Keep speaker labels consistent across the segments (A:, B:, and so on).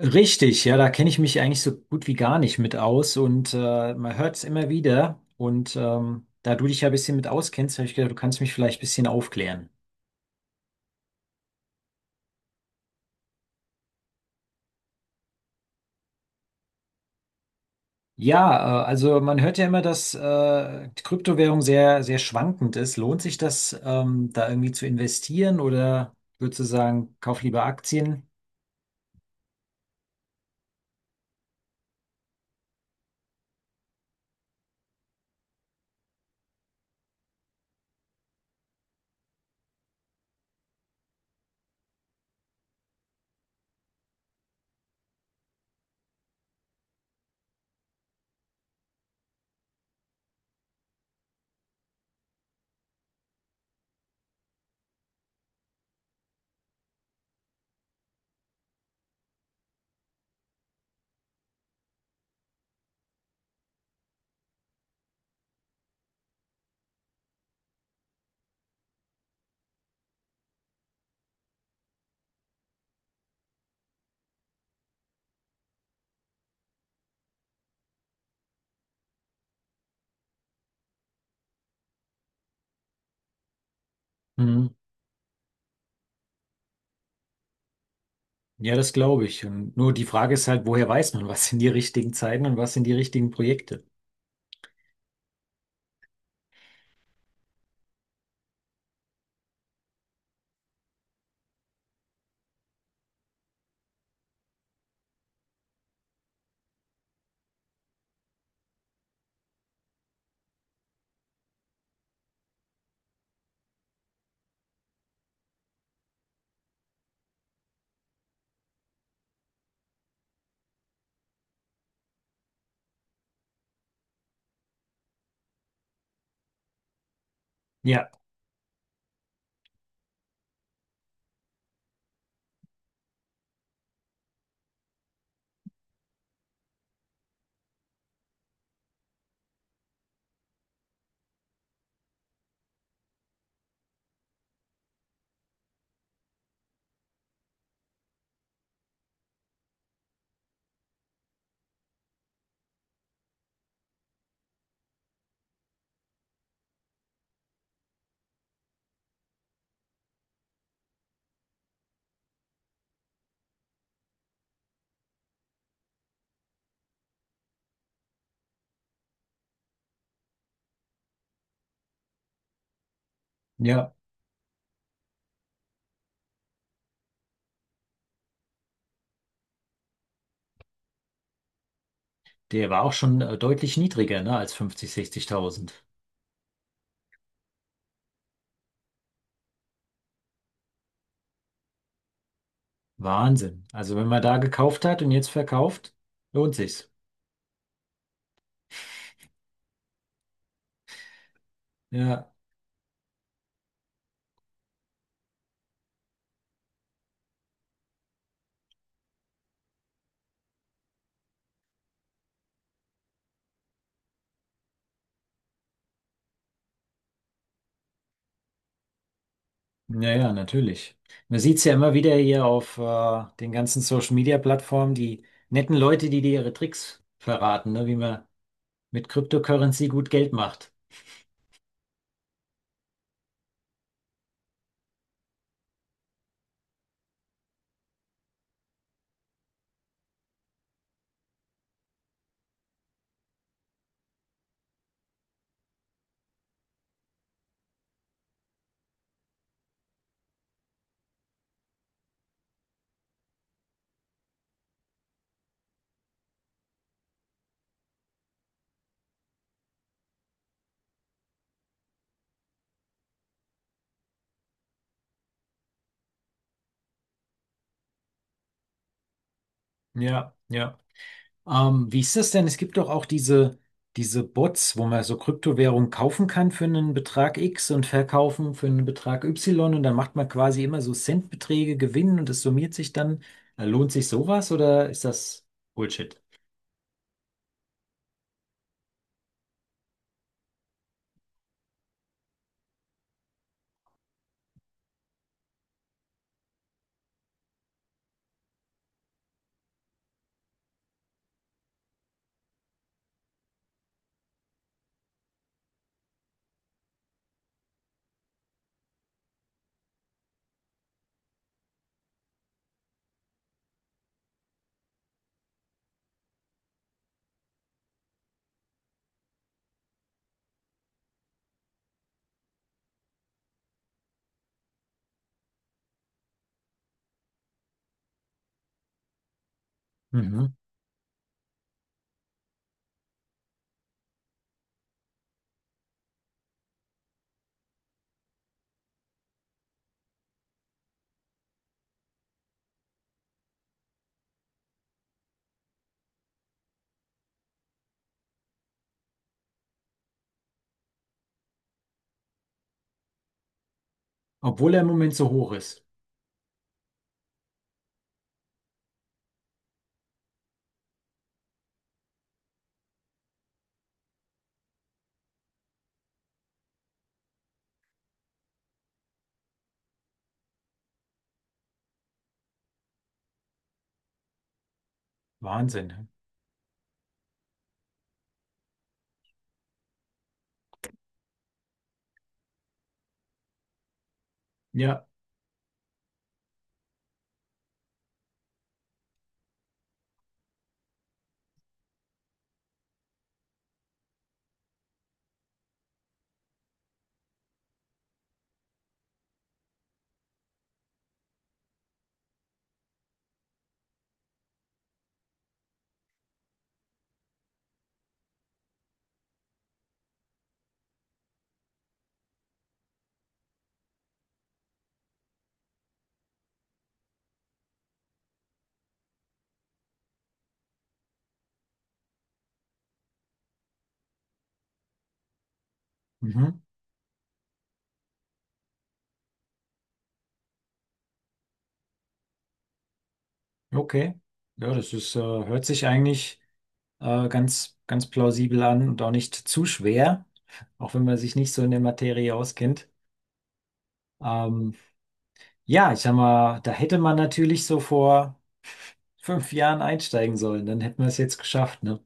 A: Richtig, ja, da kenne ich mich eigentlich so gut wie gar nicht mit aus, und man hört es immer wieder. Und da du dich ja ein bisschen mit auskennst, habe ich gedacht, du kannst mich vielleicht ein bisschen aufklären. Ja, also man hört ja immer, dass die Kryptowährung sehr, sehr schwankend ist. Lohnt sich das, da irgendwie zu investieren, oder würdest du sagen, kauf lieber Aktien? Hm. Ja, das glaube ich. Und nur die Frage ist halt, woher weiß man, was sind die richtigen Zeiten und was sind die richtigen Projekte? Ja, ja. Der war auch schon deutlich niedriger, ne, als 50, 60.000. Wahnsinn. Also wenn man da gekauft hat und jetzt verkauft, lohnt sich's. Ja, naja, natürlich. Man sieht's ja immer wieder hier auf den ganzen Social Media Plattformen, die netten Leute, die dir ihre Tricks verraten, ne, wie man mit Cryptocurrency gut Geld macht. Ja, ja. Wie ist das denn? Es gibt doch auch diese Bots, wo man so Kryptowährungen kaufen kann für einen Betrag X und verkaufen für einen Betrag Y, und dann macht man quasi immer so Centbeträge Gewinn, und das summiert sich dann. Lohnt sich sowas oder ist das Bullshit? Mhm. Obwohl er im Moment so hoch ist. Wahnsinn, ne? Ja. Mhm. Okay. Ja, das ist, hört sich eigentlich ganz, ganz plausibel an und auch nicht zu schwer, auch wenn man sich nicht so in der Materie auskennt. Ähm, Ja, ich sag mal, da hätte man natürlich so vor 5 Jahren einsteigen sollen, dann hätten wir es jetzt geschafft, ne?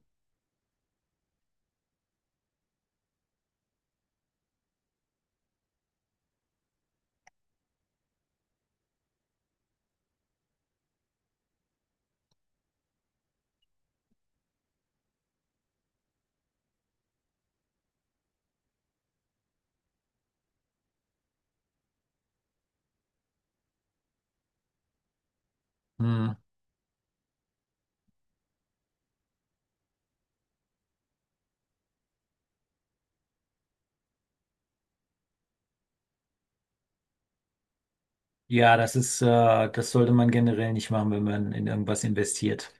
A: Hm. Ja, das ist, das sollte man generell nicht machen, wenn man in irgendwas investiert.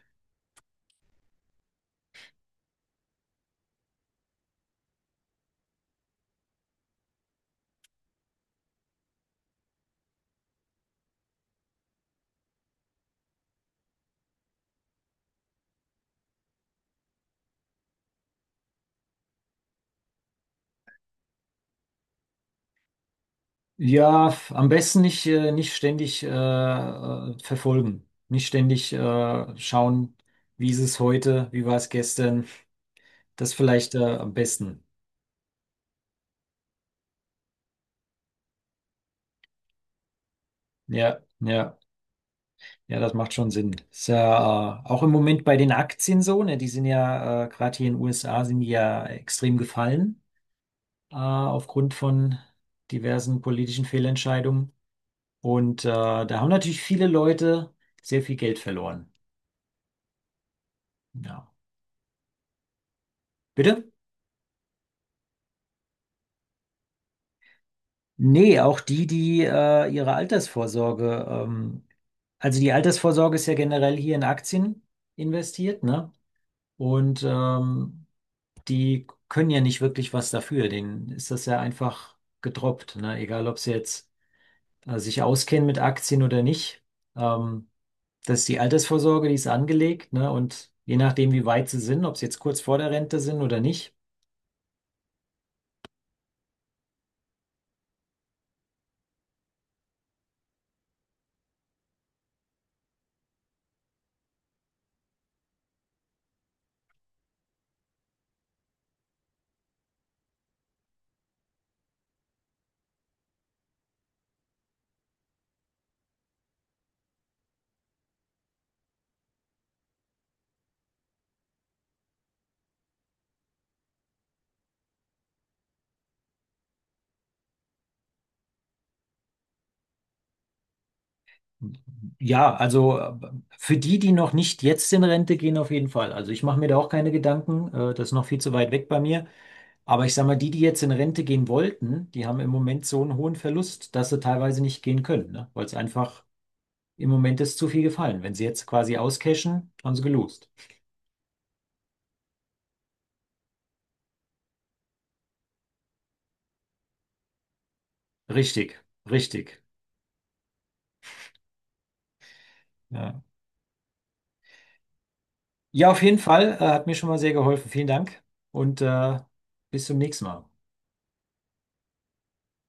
A: Ja, f- am besten nicht, nicht ständig verfolgen, nicht ständig schauen, wie ist es heute, wie war es gestern. Das vielleicht am besten. Ja, ja. Ja, das macht schon Sinn. Ist ja auch im Moment bei den Aktien so, ne? Die sind ja gerade hier in den USA sind die ja extrem gefallen aufgrund von diversen politischen Fehlentscheidungen. Und da haben natürlich viele Leute sehr viel Geld verloren. Ja. Bitte? Nee, auch die, die ihre Altersvorsorge, also die Altersvorsorge ist ja generell hier in Aktien investiert, ne? Und die können ja nicht wirklich was dafür. Denen ist das ja einfach gedroppt, ne? Egal, ob sie jetzt sich auskennen mit Aktien oder nicht. Ähm, das ist die Altersvorsorge, die ist angelegt, ne? Und je nachdem, wie weit sie sind, ob sie jetzt kurz vor der Rente sind oder nicht. Ja, also für die, die noch nicht jetzt in Rente gehen, auf jeden Fall. Also ich mache mir da auch keine Gedanken, das ist noch viel zu weit weg bei mir. Aber ich sage mal, die, die jetzt in Rente gehen wollten, die haben im Moment so einen hohen Verlust, dass sie teilweise nicht gehen können, ne? Weil es einfach im Moment ist zu viel gefallen. Wenn sie jetzt quasi auscashen, haben sie gelost. Richtig, richtig. Ja, ja, auf jeden Fall, hat mir schon mal sehr geholfen. Vielen Dank, und bis zum nächsten Mal.